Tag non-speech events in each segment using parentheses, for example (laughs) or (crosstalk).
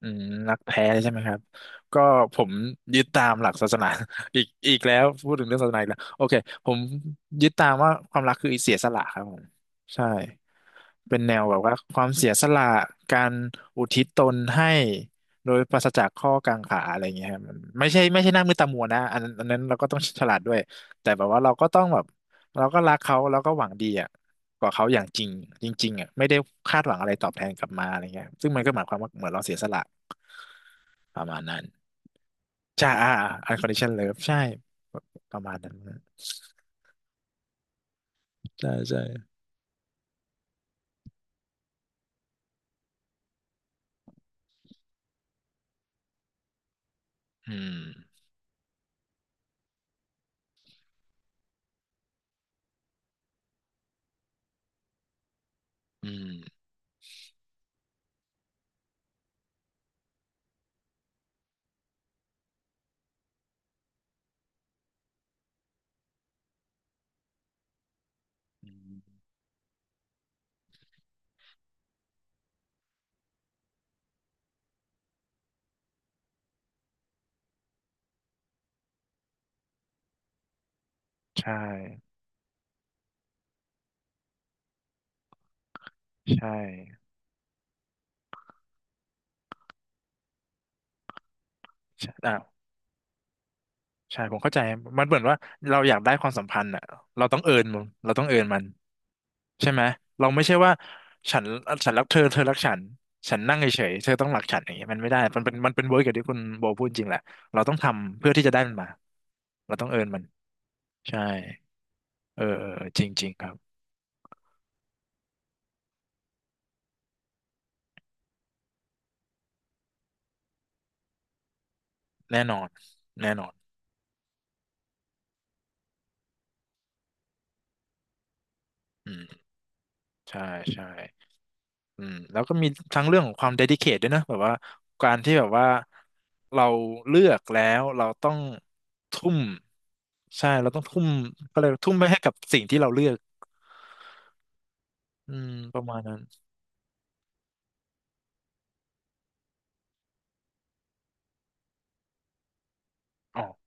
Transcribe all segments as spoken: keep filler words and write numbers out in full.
อืมนักแท้ใช่ไหมครับก็ผมยึดตามหลักศาสนา (laughs) อีกอีกแล้วพูดถึงเรื่องศาสนาอีกแล้วโอเคผมยึดตามว่าความรักคือเสียสละครับผมใช่เป็นแนวแบบว่าความเสียสละการอุทิศตนให้โดยปราศจากข้อกังขาอะไรอย่างเงี้ยครับมันไม่ใช่ไม่ใช่หน้ามืดตามัวนะอันนั้นอันนั้นเราก็ต้องฉลาดด้วยแต่แบบว่าเราก็ต้องแบบเราก็รักเขาแล้วก็หวังดีอ่ะกว่าเขาอย่างจริงจริงๆอ่ะไม่ได้คาดหวังอะไรตอบแทนกลับมาอะไรเงี้ยซึ่งมันก็หมายความว่าเหมือนเราเสียสละ ประมาณนั้นใช่อ่าอันคอนดิชันเลิฟใช่ประมาณนั้นนะใช่ใช่อืมอืมอืมใช่ใช่ใช่อ่าใช่ผมเข้าใจมันเหมือนว่าเราอยากได้ความสัมพันธ์อ่ะเราต้องเอิร์นมันเราต้องเอิร์นมันใช่ไหมเราไม่ใช่ว่าฉันฉันรักเธอเธอรักฉันฉันนั่งเฉยๆเธอต้องรักฉันอย่างเงี้ยมันไม่ได้มันเป็นมันเป็นเวิร์กอย่างที่คุณโบพูดจริงแหละเราต้องทำเพื่อที่จะได้มันมาเราต้องเอิร์นมันใช่เออเออเออจริงจริงครับ แน่นอนแน่นอนอืมใช่ ใช่อืมแล้วก็มีทั้งเรื่องของความ dedicate ด้วยนะแบบว่าการที่แบบว่าเราเลือกแล้วเราต้องทุ่ม ใช่ เราต้องทุ่มก็เลยกว่าทุ่มไปให้กับสิ่งที่เราเลือกอืมประมาณนั้นอ๋อ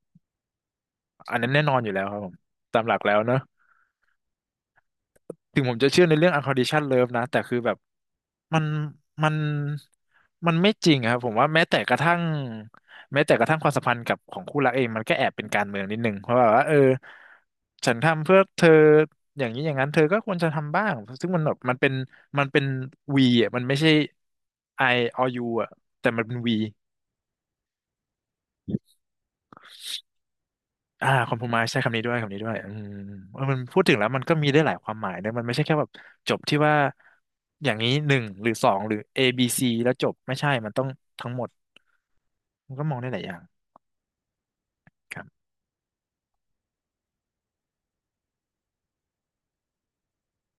อันนั้นแน่นอนอยู่แล้วครับผมตามหลักแล้วเนอะ ถึงผมจะเชื่อในเรื่อง unconditional love นะแต่คือแบบมันมันมันไม่จริงอะครับผมว่าแม้แต่กระทั่งแม้แต่กระทั่งความสัมพันธ์กับของคู่รักเองมันก็แอบเป็นการเมืองนิดนึงเพราะแบบว่าเออฉันทำเพื่อเธออย่างนี้อย่างนั้นเธอก็ควรจะทำบ้างซึ่งมันแบบมันเป็นมันเป็นวีอ่ะมันไม่ใช่ I or you อ่ะแต่มันเป็นวี อ่าคอมโพม i ์ใช้คำนี้ด้วยคำนี้ด้วยอืมเออมันพูดถึงแล้วมันก็มีได้หลายความหมายนะมันไม่ใช่แค่แบบจบที่ว่าอย่างนี้หนึ่งหรือสองหรือ เอ บี ซี แล้วจบไม่ใช่มันต้องทั้งหมดมันก็มองได้หลายอย่าง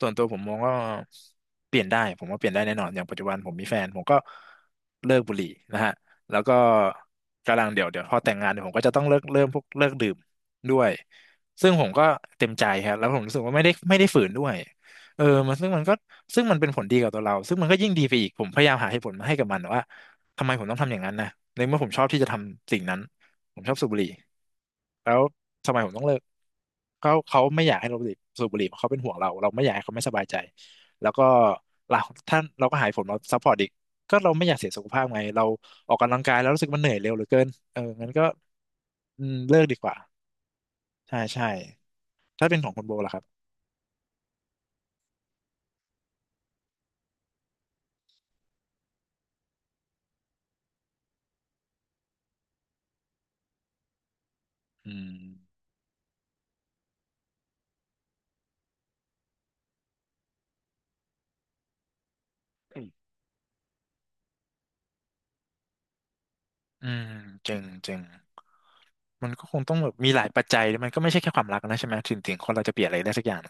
ส่วนตัวผมมองว่าเปลี่ยนได้ผมว่าเปลี่ยนได้แน่นอนอย่างปัจจุบันผมมีแฟนผมก็เลิกบุหรี่นะฮะแล้วก็กำลังเดี๋ยวเดี๋ยวพอแต่งงานเดี๋ยวผมก็จะต้องเลิกเริ่มพวกเลิกดื่มด้วยซึ่งผมก็เต็มใจครับแล้วผมรู้สึกว่าไม่ได้ไม่ได้ฝืนด้วยเออมันซึ่งมันก็ซึ่งมันเป็นผลดีกับตัวเราซึ่งมันก็ยิ่งดีไปอีกผมพยายามหาเหตุผลมาให้กับมันว่าทำไมผมต้องทำอย่างนั้นนะในเมื่อผมชอบที่จะทำสิ่งนั้นผมชอบสูบบุหรี่แล้ว ทำไมผมต้องเลิกเขาเขาไม่อยากให้เราสูบบุหรี่เพราะเขาเป็นห่วงเราเราไม่อยากให้เขาไม่สบายใจแล้วก็เราท่านเราก็หายผมเราซัพพอร์ตอีกก็เราไม่อยากเสียสุขภาพไงเราออกกำลังกายแล้วรู้สึกมันเหนื่อยเร็วเหลือเกินเอองั้นก็อืมเลิกดีกว่าใช่ใช่ถ้าเป็นของคุณโบล่ะครับอืมอืมจริงจริงมันก็คงต้องแบบมีหลายปัจจัยมันก็ไม่ใช่แค่ความรักนะใช่ไหมถึงถึงคนเราจะเปลี่ยนอะไรได้สักอย่าง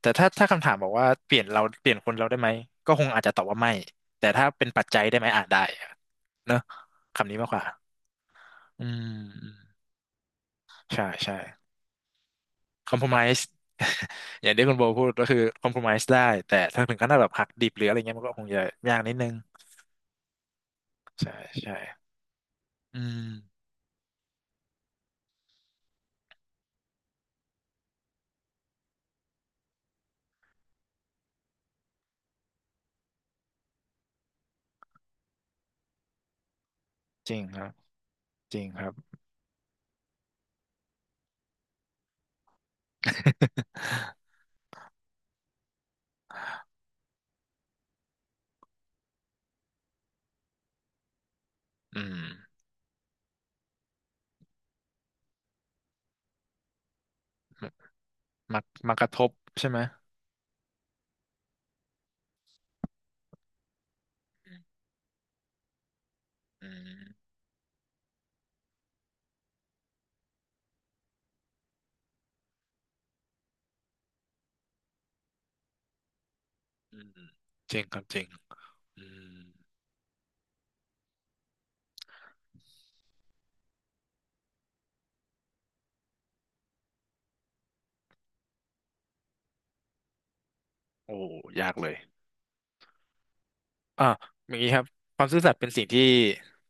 แต่ถ้าถ้าคำถามบอกว่าเปลี่ยนเราเปลี่ยนคนเราได้ไหมก็คงอาจจะตอบว่าไม่แต่ถ้าเป็นปัจจัยได้ไหมอาจได้อะเนอะคำนี้มากกว่าอืมใช่ใช่ค (laughs) อม p r o m i s e อย่างที่คุณโบพูดก็คือคอม p r o m i s e ได้แต่ถ้าถึงขั้นแบบหักดิบหรืออะไรเงี้ยมันก็คงจะยากนิดนึงใช่ใช่อืมจริงครับจริงครับ (laughs) อืมมามากระทบใช่ไหมอืมอืมจริงครับจริงอืมโอ้ยากเลย อ่าอย่างนี้ครับความซื่อสัตย์เป็นสิ่งที่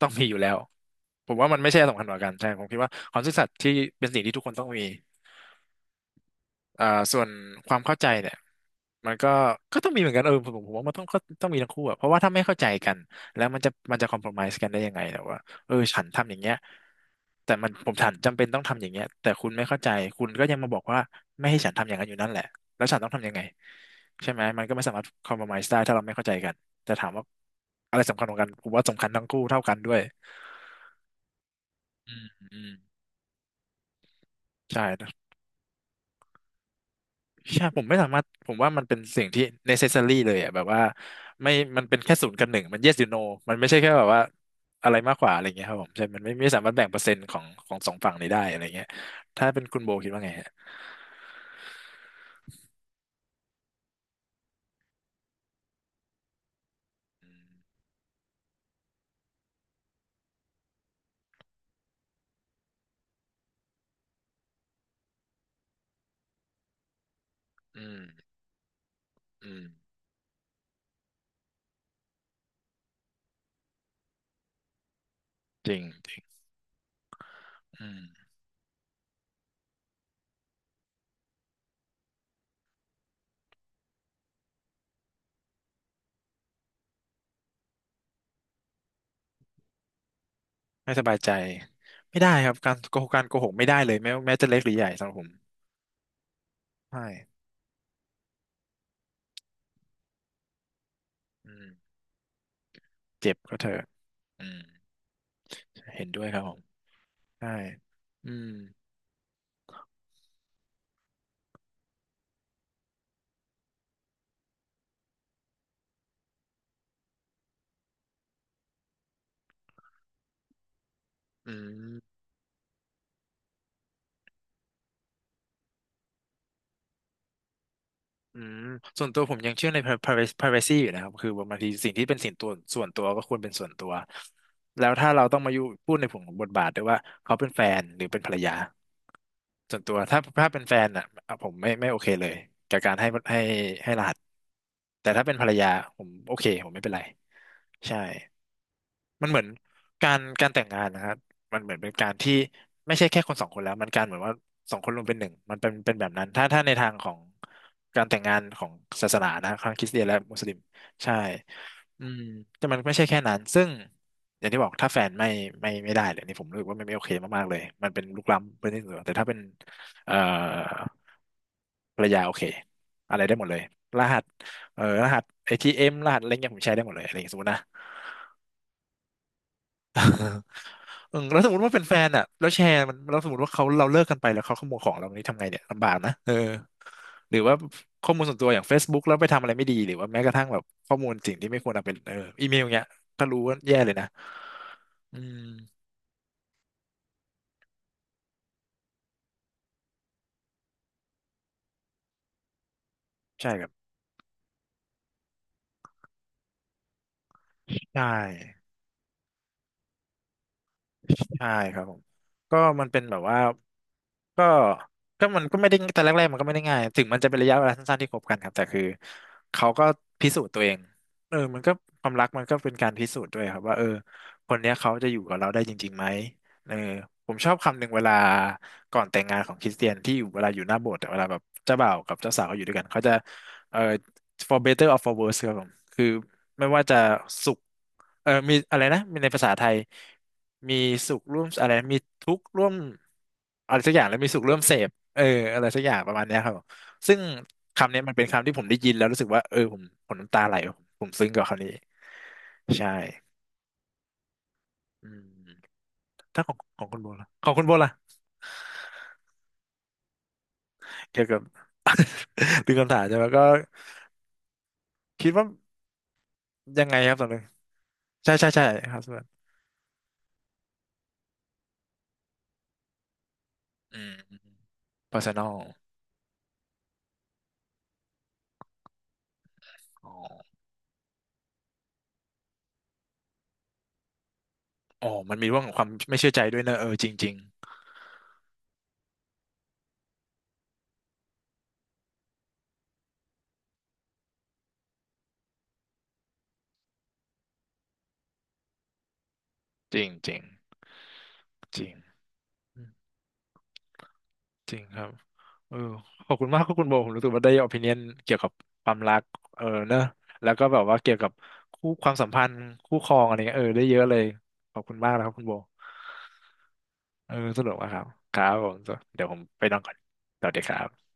ต้องมีอยู่แล้วผมว่ามันไม่ใช่สำคัญกว่ากันใช่ผมคิดว่าความซื่อสัตย์ที่เป็นสิ่งที่ทุกคนต้องมี อ่าส่วนความเข้าใจเนี่ยมันก็ก็ต้องมีเหมือนกันเออผมผมว่ามันต้องก็ต้องมีทั้งคู่อะเพราะว่าถ้าไม่เข้าใจกันแล้วมันจะมันจะคอมโพรไมซ์กันได้ยังไงแต่ว่าเออฉันทำอย่างเงี้ยแต่มันผมฉันจำเป็นต้องทำอย่างเงี้ยแต่คุณไม่เข้าใจคุณก็ยังมาบอกว่าไม่ให้ฉันทำอย่างนั้นอยู่นั่นแหละแล้วฉันต้องทำยังไงใช่ไหมมันก็ไม่สามารถคอมโพรไมซ์ได้ถ้าเราไม่เข้าใจกันแต่ถามว่าอะไรสำคัญกว่ากันผมว่าสำคัญทั้งคู่เท่ากันด้วยอืมอืมใช่ ใช่ผมไม่สามารถผมว่ามันเป็นสิ่งที่ necessary เลยอ่ะแบบว่าไม่มันเป็นแค่ศูนย์กับหนึ่งมัน yes you know มันไม่ใช่แค่แบบว่าอะไรมากกว่าอะไรเงี้ยครับผมใช่มันไม่ไม่สามารถแบ่งเปอร์เซ็นต์ของของสองฝั่งนี้ได้อะไรเงี้ยถ้าเป็นคุณโบคิดว่าไงฮะอืมอืมจริงจริงอืมไม่สบายใจไม่ได้ครับการโกหกการโกหกไม่ได้เลยแม้แม้จะเล็กหรือใหญ่สำหรับผมใช่อืมเจ็บก็เถอะอืมเห็นด้วยครับผมใช่อืมอืม อืมส่วนตัวผมยังเชื่อใน privacy privacy อยู่นะครับคือแบบบางทีสิ่งที่เป็นสิ่งตัวส่วนตัวก็ควรเป็นส่วนตัว แล้วถ้าเราต้องมาอยู่พูดในผงของบทบาทด้วยว่าเขาเป็นแฟนหรือเป็นภรรยาส่วนตัวถ้าถ้าเป็นแฟนอ่ะอ่ะผมไม่ไม่โอเคเลยกับการให้ให้ให้รหัสแต่ถ้าเป็นภรรยาผมโอเคผมไม่เป็นไรใช่ มันเหมือนการการแต่งงานนะฮะมันเหมือนเป็นการที่ไม่ใช่แค่คนสองคนแล้วมันการเหมือนว่าสองคนรวมเป็นหนึ่งมันเป็นเป็นแบบนั้นถ้าถ้าในทางของการแต่งงานของศาสนานะทั้งคริสเตียนและมุสลิมใช่อืมแต่มันไม่ใช่แค่นั้นซึ่งอย่างที่บอกถ้าแฟนไม่ไม่ไม่ได้เลยนี่ผมรู้สึกว่ามันไม่โอเคมากๆเลยมันเป็นลุกล้ำเป็นที่เหนือแต่ถ้าเป็นเอ่อภรรยาโอเคอะไรได้หมดเลยรหัสเอ่อรหัสเอทีเอ็มรหัสอะไรเงี้ยผมใช้ได้หมดเลยอะไรอย่างเงี้ยสมมตินะ เออแล้วสมมติว่าเป็นแฟนอ่ะแล้วแชร์มันแล้วสมมติว่าเขาเราเลิกกันไปแล้วเขาขโมยของเรานี้ทำไงเนี่ยลำบากนะเออหรือว่าข้อมูลส่วนตัวอย่าง Facebook แล้วไปทำอะไรไม่ดีหรือว่าแม้กระทั่งแบบข้อมูลสิ่งที่ไม่ควรเอาเป็นเอออีเมลเงี้ยถ้ารู้ว่าแย่เลยนะอืมใช่ครับใช่ ใช่ครับผมก็มันเป็นแบบว่าก็ก็มันก็ไม่ได้แต่แรกๆมันก็ไม่ได้ง่ายถึงมันจะเป็นระยะเวลาสั้นๆที่คบกันครับแต่คือเขาก็พิสูจน์ตัวเองเออมันก็ความรักมันก็เป็นการพิสูจน์ด้วยครับว่าเออคนเนี้ยเขาจะอยู่กับเราได้จริงๆไหมเออผมชอบคำหนึ่งเวลาก่อนแต่งงานของคริสเตียนที่อยู่เวลาอยู่หน้าโบสถ์อะเวลาแบบเจ้าบ่าวกับเจ้าสาวเขาอยู่ด้วยกันเขาจะเออ for better or for worse ครับผมคือไม่ว่าจะสุขเออมีอะไรนะมีในภาษาไทยมีสุขร่วมอะไรมีทุกข์ร่วมอะไรสักอย่างแล้วมีสุขร่วมเสพเอออะไรสักอย่างประมาณเนี้ยครับผมซึ่งคำนี้มันเป็นคำที่ผมได้ยินแล้วรู้สึกว่าเออผมผมน้ำตาไหลผมผมซึ้งกับคำนี้ใช่อืมถ้าของของคุณโบล่ะของคุณโบล่ะเกี่ยวกับ (laughs) ดึงคำถามใช่ไหมก็คิดว่ายังไงครับตอนนี้ใช่ใช่ใช่ครับส่วนอืม personal อ๋อ อ๋อมันมีเรื่องของความไม่เชื่อใจด้วยนะเออจริงจริงจริงจริงจริงจริงครับเออขอบคุณมากครับคุณโบผมรู้สึกว่าได้ o อ i ิเน n เกี่ยวกับความรักเออเนอะแล้วก็แบบว่าเกี่ยวกับคู่ความสัมพันธ์คู่ครองอะไรเงี้ยเออได้เยอะเลยขอบคุณมากนะครับคุณโบเออสนุกมากครับครับผมเดี๋ยวผมไปนอนก่อนสวัสดีครับ